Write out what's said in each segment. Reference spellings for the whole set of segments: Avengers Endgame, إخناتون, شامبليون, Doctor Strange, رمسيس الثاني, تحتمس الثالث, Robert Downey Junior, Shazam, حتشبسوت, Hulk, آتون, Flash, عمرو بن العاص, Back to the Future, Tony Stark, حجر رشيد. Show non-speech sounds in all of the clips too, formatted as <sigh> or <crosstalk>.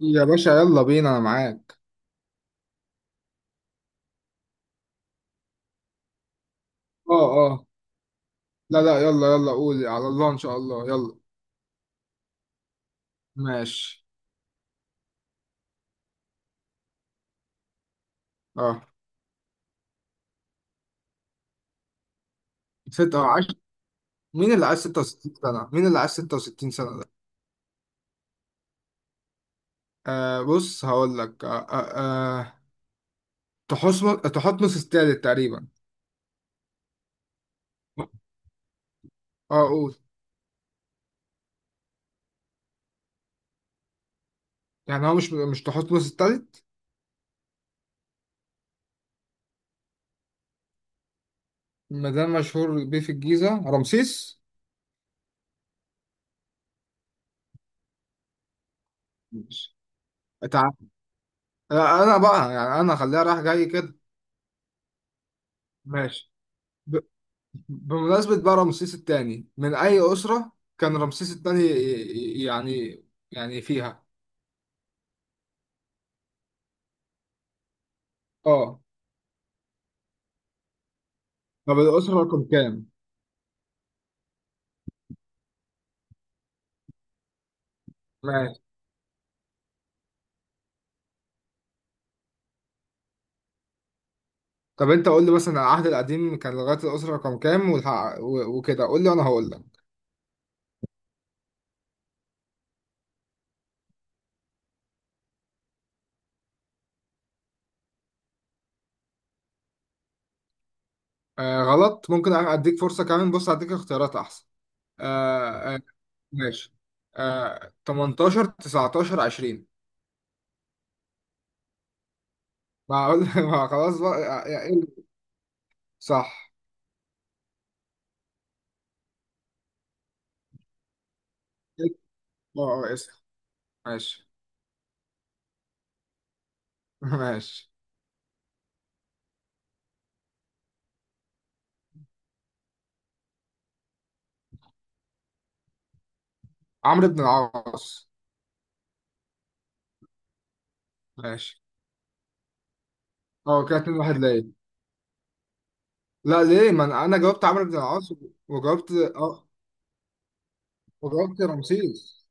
يا باشا، يلا بينا انا معاك. اه، اه. لا لا، يلا يلا، قول على الله. ان شاء الله، يلا. ماشي. اه، ستة وعشرة. مين اللي عايز 66 سنة؟ مين اللي عايز 66 سنة ده؟ آه، بص هقول لك. آه، تحتمس تحتمس التالت تقريبا. اه، قول. يعني هو مش تحتمس التالت. مدام مشهور بيه في الجيزة، رمسيس. ماشي. تعال. انا بقى، يعني انا خليها رايح جاي كده. ماشي. بمناسبة بقى رمسيس الثاني من أي أسرة كان رمسيس الثاني يعني يعني فيها؟ اه. طب الأسرة رقم كام؟ ماشي. طب أنت قول لي مثلا، العهد القديم كان لغاية الأسرة رقم كام وكده، قول لي وأنا هقول لك. آه، غلط. ممكن أديك فرصة كمان. بص أديك اختيارات أحسن. آه آه ماشي. آه، 18، 19، 20. ما أقول <laughs> ما خلاص بقى صح. إيه؟ اه. اسف. ماشي <laughs> ماشي. عمرو بن العاص. ماشي. اه كده 2-1 ليه؟ لا ليه؟ ما انا أنا جاوبت عمرو بن العاص، وجاوبت. اه، وجاوبت رمسيس.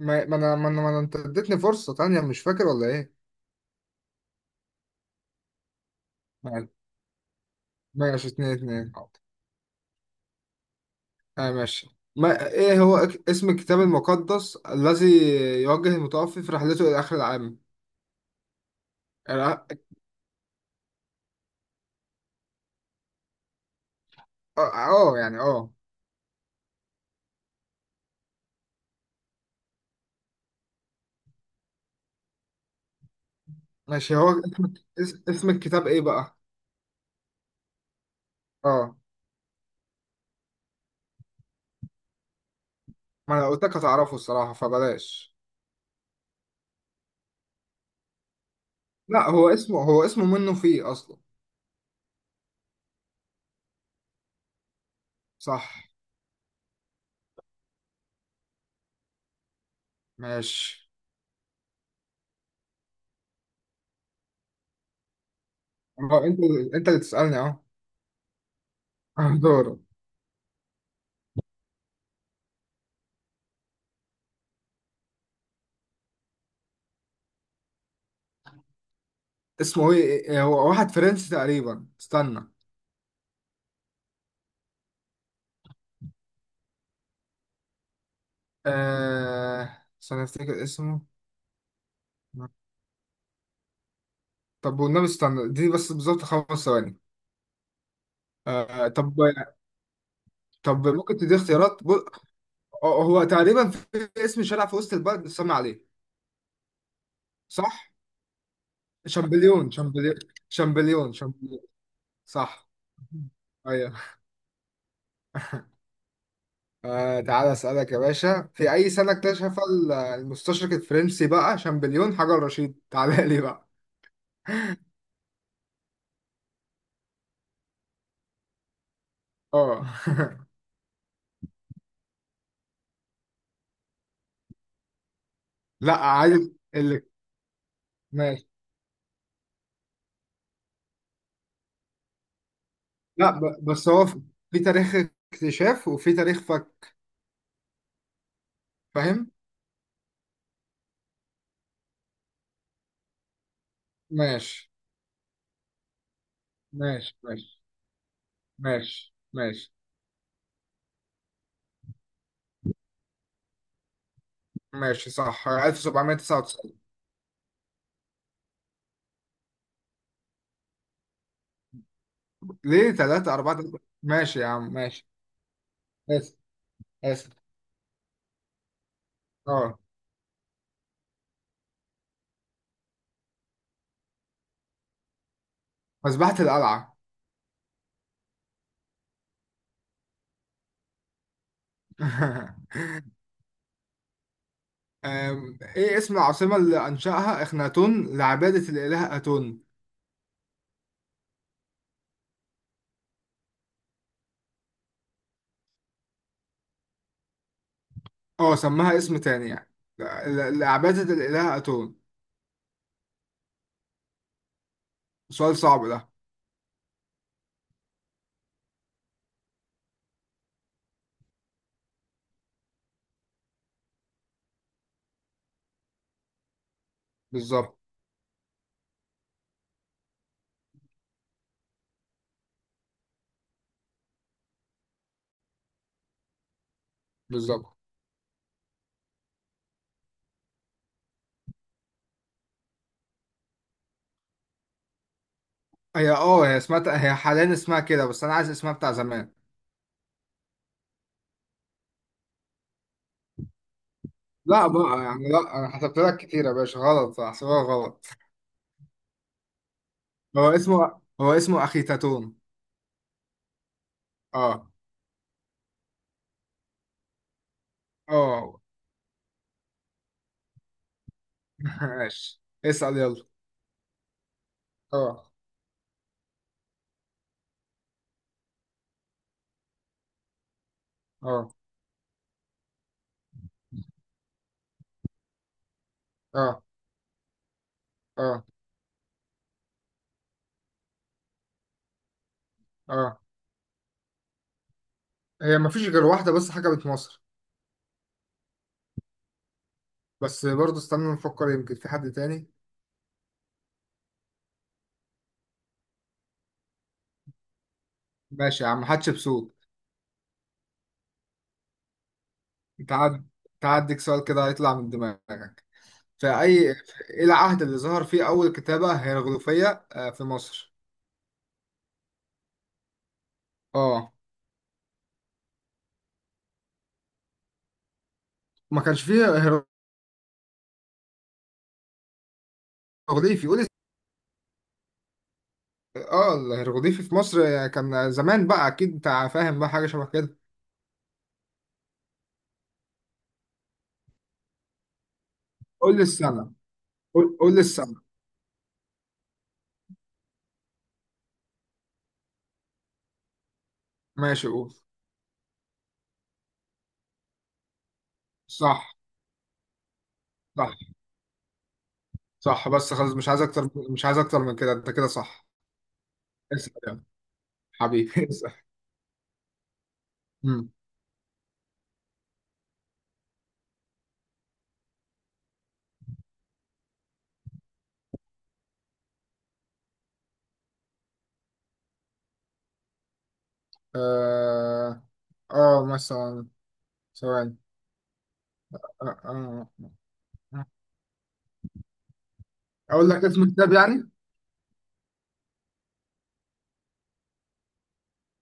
ما ما انا ما انا ما أنا- انت اديتني فرصة تانية، مش فاكر ولا ايه؟ يعني ماشي، 2-2، حاضر. اه ماشي. ما ايه هو اسم الكتاب المقدس الذي يوجه المتوفي في رحلته الى اخر العالم؟ الع- اه. يعني اه. ماشي، هو اسم اسم الكتاب ايه بقى؟ اه. ما انا قلت لك هتعرفه الصراحة، فبلاش. لا، هو اسمه منه فيه اصلا. صح. ماشي. اه. انت اللي تسألني اهو <laughs> اه، دور. اسمه ايه؟ إيه هو، واحد فرنسي تقريبا، استنى. آه، استنى افتكر اسمه. طب والنبي استنى دي بس بالظبط 5 ثواني. طب. ممكن تدي اختيارات هو تقريبا في اسم شارع في وسط البلد بتسمى عليه. صح. شامبليون، شامبليون، شامبليون، شامبليون. صح، ايوه. آه، تعالى اسالك يا باشا، في اي سنه اكتشف المستشرق الفرنسي بقى شامبليون حجر رشيد؟ تعالى لي بقى. اه <laughs> لا عادي، اللي. ماشي. لا، بس هو في تاريخ اكتشاف وفي تاريخ فك. فاهم. ماشي ماشي ماشي، ماشي ماشي ماشي. صح، 1799. ليه 3-4؟ ماشي يا عم ماشي. اسف، اسف. اه، مذبحة القلعة. <laughs> ايه اسم العاصمة اللي أنشأها إخناتون لعبادة الإله أتون؟ اه، سماها اسم تاني يعني، ل- لعبادة الإله أتون. سؤال صعب ده. بالظبط، بالظبط. هي اسمها، هي حاليا اسمها كده، بس انا عايز اسمها بتاع زمان. لا بقى، يعني لا، انا حسبت لك كتير يا باشا غلط، احسبها غلط. هو اسمه اخي تاتون. اه. اه <laughs> ماشي، اسأل يلا. اه، اه، اه، اه، اه. هي مفيش غير واحدة بس حكمت مصر، بس برضه استنى نفكر يمكن في حد تاني. ماشي يا عم، حتشبسوت. تعد تعديك سؤال كده هيطلع من دماغك. في إيه العهد اللي ظهر فيه أول كتابة هيروغليفية في مصر؟ اه، ما كانش فيه هيروغليفي. اه، الهيروغليفي في مصر كان زمان بقى اكيد، انت فاهم بقى حاجه شبه كده. قول لي السنه. قول لي السنه. ماشي، قول. صح، صح، صح. بس خلاص، مش عايز اكتر، مش عايز اكتر من كده، انت كده صح. اسال يلا. حبيبي <laughs> اسال. امم اه. مثلا، ثواني. آه. آه. اقول لك اسم كتاب يعني.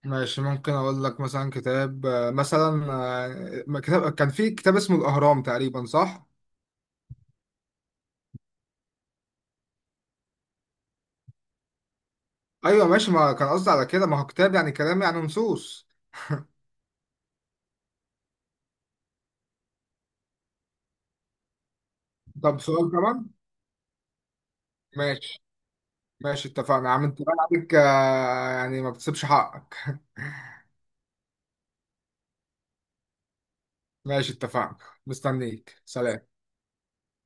ماشي، ممكن اقول لك مثلا كتاب. مثلا. كان في كتاب اسمه الاهرام تقريبا، صح؟ ايوه ماشي، ما كان قصدي على كده. ما هو كتاب يعني كلام، يعني نصوص. طب سؤال كمان. ماشي ماشي. اتفقنا يا عم، انت بقى عليك، يعني ما بتسيبش حقك <laughs> ماشي، اتفقنا. مستنيك، سلام.